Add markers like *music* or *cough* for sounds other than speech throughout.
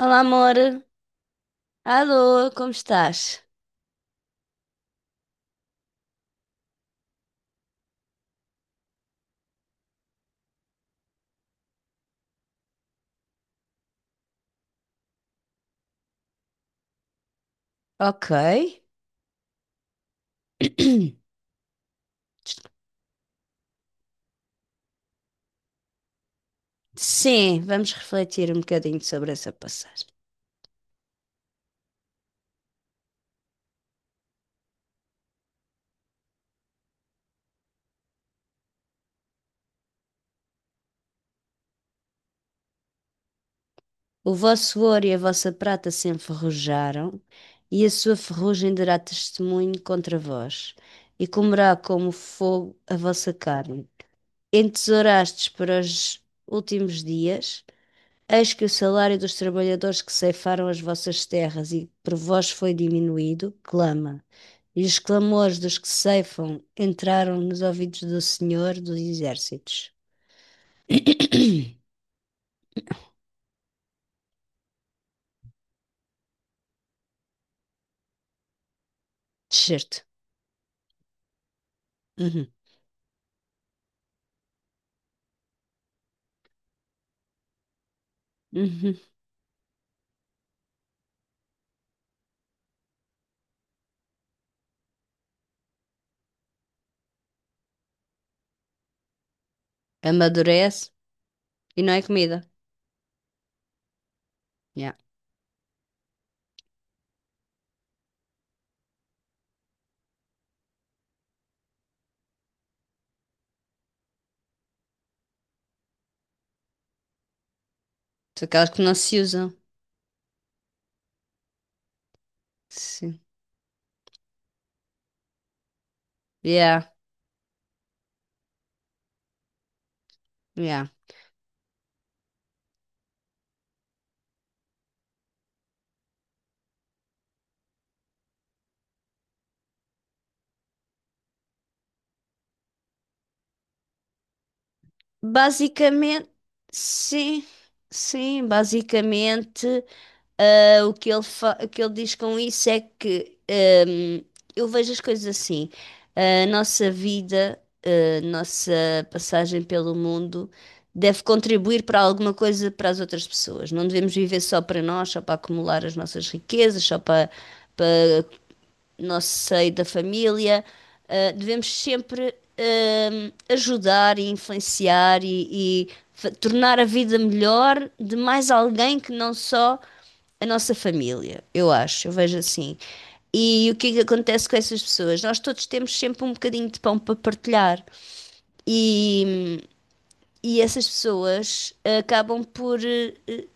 Olá, amor. Alô, como estás? Ok. *clears throat* Sim, vamos refletir um bocadinho sobre essa passagem. O vosso ouro e a vossa prata se enferrujaram, e a sua ferrugem dará testemunho contra vós, e comerá como fogo a vossa carne. Entesourastes para os últimos dias, eis que o salário dos trabalhadores que ceifaram as vossas terras e por vós foi diminuído, clama. E os clamores dos que ceifam entraram nos ouvidos do Senhor dos Exércitos. Certo. Uhum. Uhum. Amadurece e não é comida. Yeah. São aquelas que não se usam. Sim. Yeah. Yeah. Basicamente, sim. Sim, basicamente. Ah, o que ele diz com isso é que eu vejo as coisas assim. A nossa vida, a nossa passagem pelo mundo deve contribuir para alguma coisa para as outras pessoas. Não devemos viver só para nós, só para acumular as nossas riquezas, só para nosso seio da família. Ah, devemos sempre ajudar e influenciar e, tornar a vida melhor de mais alguém que não só a nossa família. Eu acho, eu vejo assim. E o que é que acontece com essas pessoas? Nós todos temos sempre um bocadinho de pão para partilhar. E e essas pessoas, acabam por,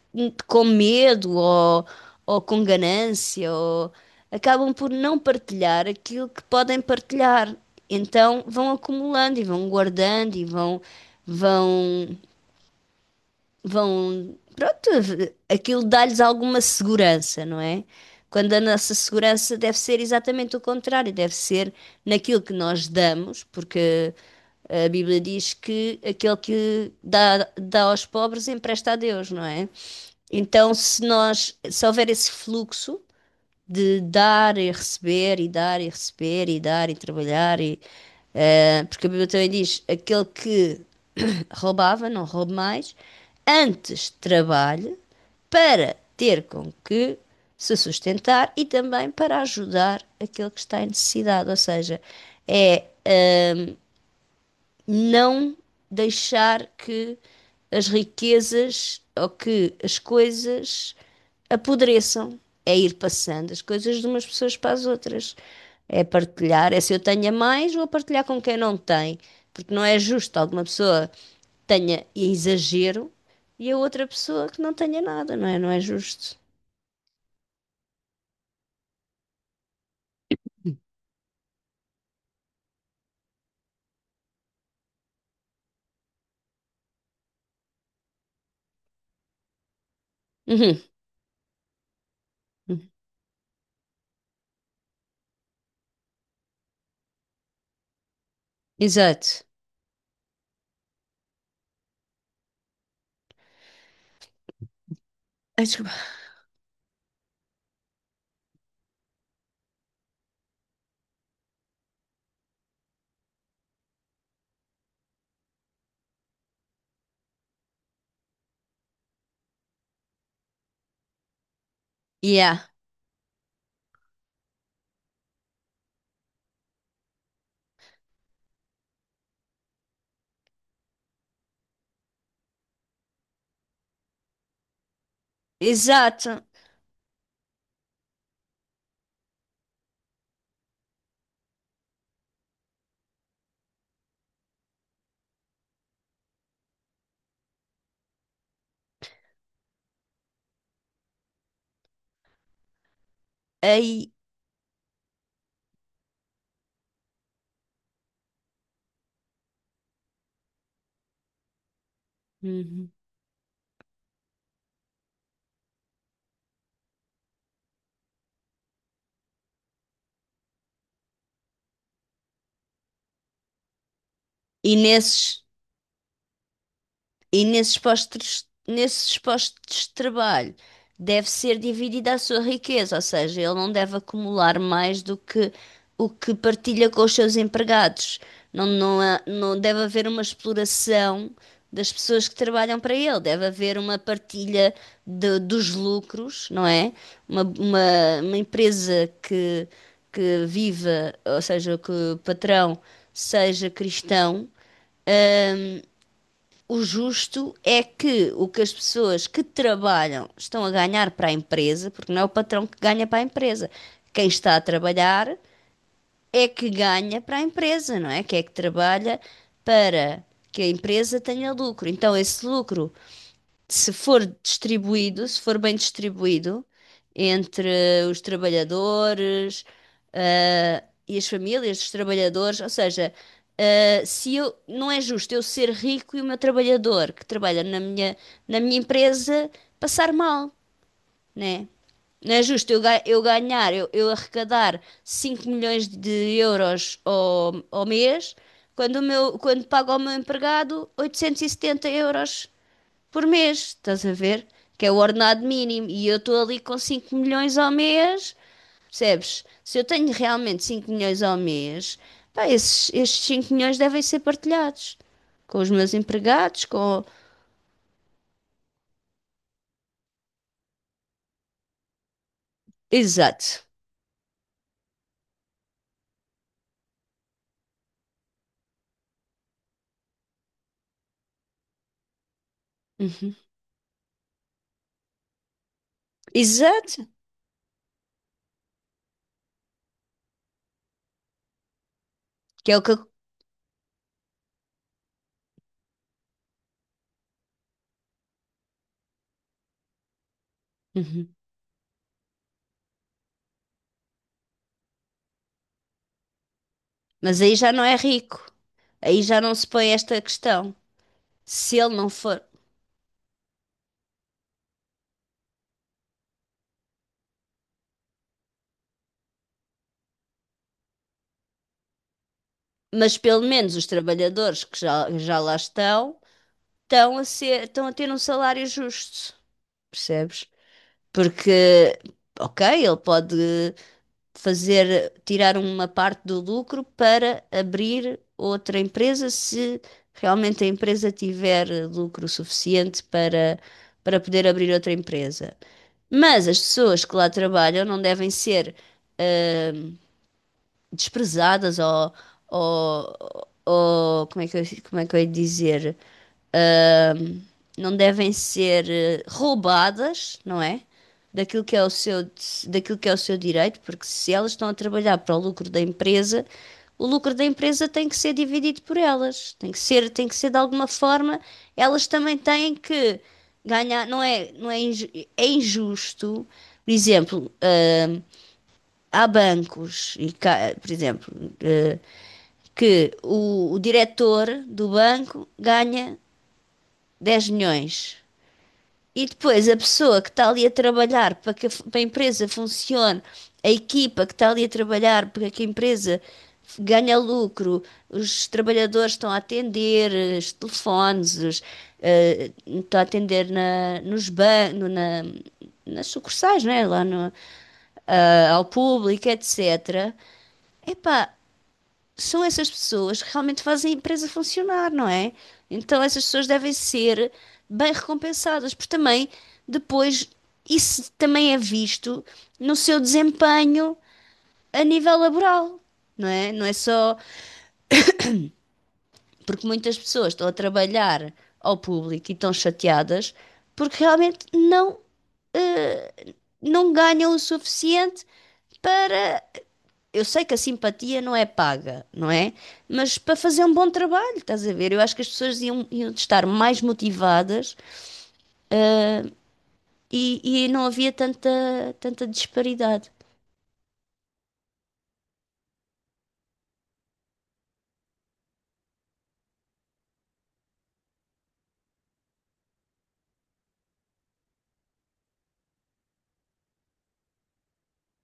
com medo, ou com ganância, ou acabam por não partilhar aquilo que podem partilhar. Então vão acumulando e vão guardando e vão vão, pronto, aquilo dá-lhes alguma segurança, não é? Quando a nossa segurança deve ser exatamente o contrário, deve ser naquilo que nós damos, porque a Bíblia diz que aquele que dá, dá aos pobres empresta a Deus, não é? Então, se nós, se houver esse fluxo de dar e receber, e dar e receber, e dar e trabalhar, e, porque a Bíblia também diz: aquele que *coughs* roubava, não roube mais, antes trabalhe para ter com que se sustentar e também para ajudar aquele que está em necessidade. Ou seja, é não deixar que as riquezas ou que as coisas apodreçam. É ir passando as coisas de umas pessoas para as outras. É partilhar, é, se eu tenho a mais, vou partilhar com quem não tem. Porque não é justo alguma pessoa tenha exagero e a outra pessoa que não tenha nada, não é? Não é justo. Uhum. Uhum. Exato. Ai, desculpa. Yeah. Exato. Aí. Uhum. E nesses E nesses postos de trabalho deve ser dividida a sua riqueza, ou seja, ele não deve acumular mais do que o que partilha com os seus empregados. Não, não, não deve haver uma exploração das pessoas que trabalham para ele, deve haver uma partilha dos lucros, não é? Uma, uma, uma empresa que, viva, ou seja, que o patrão seja cristão, o justo é que o que as pessoas que trabalham estão a ganhar para a empresa, porque não é o patrão que ganha para a empresa. Quem está a trabalhar é que ganha para a empresa, não é? Que é que trabalha para que a empresa tenha lucro. Então, esse lucro, se for distribuído, se for bem distribuído entre os trabalhadores, ah, e as famílias dos trabalhadores, ou seja, ah, se eu, não é justo eu ser rico e o meu trabalhador que trabalha na minha empresa passar mal, né? Não é justo eu, eu ganhar, eu arrecadar 5 milhões de euros ao mês, quando, o meu, quando pago ao meu empregado 870 euros por mês, estás a ver? Que é o ordenado mínimo. E eu estou ali com 5 milhões ao mês, percebes? Se eu tenho realmente 5 milhões ao mês, pá, esses, estes 5 milhões devem ser partilhados com os meus empregados, com. Exato. Uhum. Exato. Que é o que, Uhum. Mas aí já não é rico. Aí já não se põe esta questão. Se ele não for. Mas pelo menos os trabalhadores que já lá estão, estão a ter um salário justo. Percebes? Porque, ok, ele pode fazer, tirar uma parte do lucro para abrir outra empresa se realmente a empresa tiver lucro suficiente para poder abrir outra empresa. Mas as pessoas que lá trabalham não devem ser desprezadas, ou, ou como é que como é que eu ia dizer? Não devem ser roubadas, não é? Daquilo que é o seu, daquilo que é o seu direito, porque se elas estão a trabalhar para o lucro da empresa, o lucro da empresa tem que ser dividido por elas. Tem que ser de alguma forma, elas também têm que ganhar, não é, não é, é injusto. Por exemplo, ah, há bancos e, por exemplo, eh, que o diretor do banco ganha 10 milhões. E depois a pessoa que está ali a trabalhar para que a empresa funcione, a equipa que está ali a trabalhar para que a empresa ganhe lucro, os trabalhadores estão a atender os telefones, os, estão a atender na, nos ban no- na, nas sucursais, né? Lá no, ah, ao público, etc. Epá, são essas pessoas que realmente fazem a empresa funcionar, não é? Então essas pessoas devem ser bem recompensadas, porque também depois isso também é visto no seu desempenho a nível laboral, não é? Não é só porque muitas pessoas estão a trabalhar ao público e estão chateadas porque realmente não, eh, não ganham o suficiente para. Eu sei que a simpatia não é paga, não é? Mas para fazer um bom trabalho, estás a ver? Eu acho que as pessoas iam estar mais motivadas, ah, e, e não havia tanta, disparidade.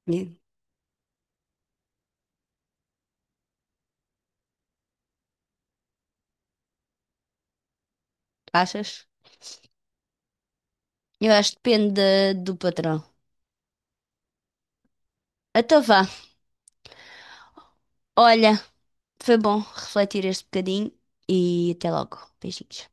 E- Achas? Eu acho que depende do patrão. Então vá. Olha, foi bom refletir este bocadinho e até logo. Beijinhos.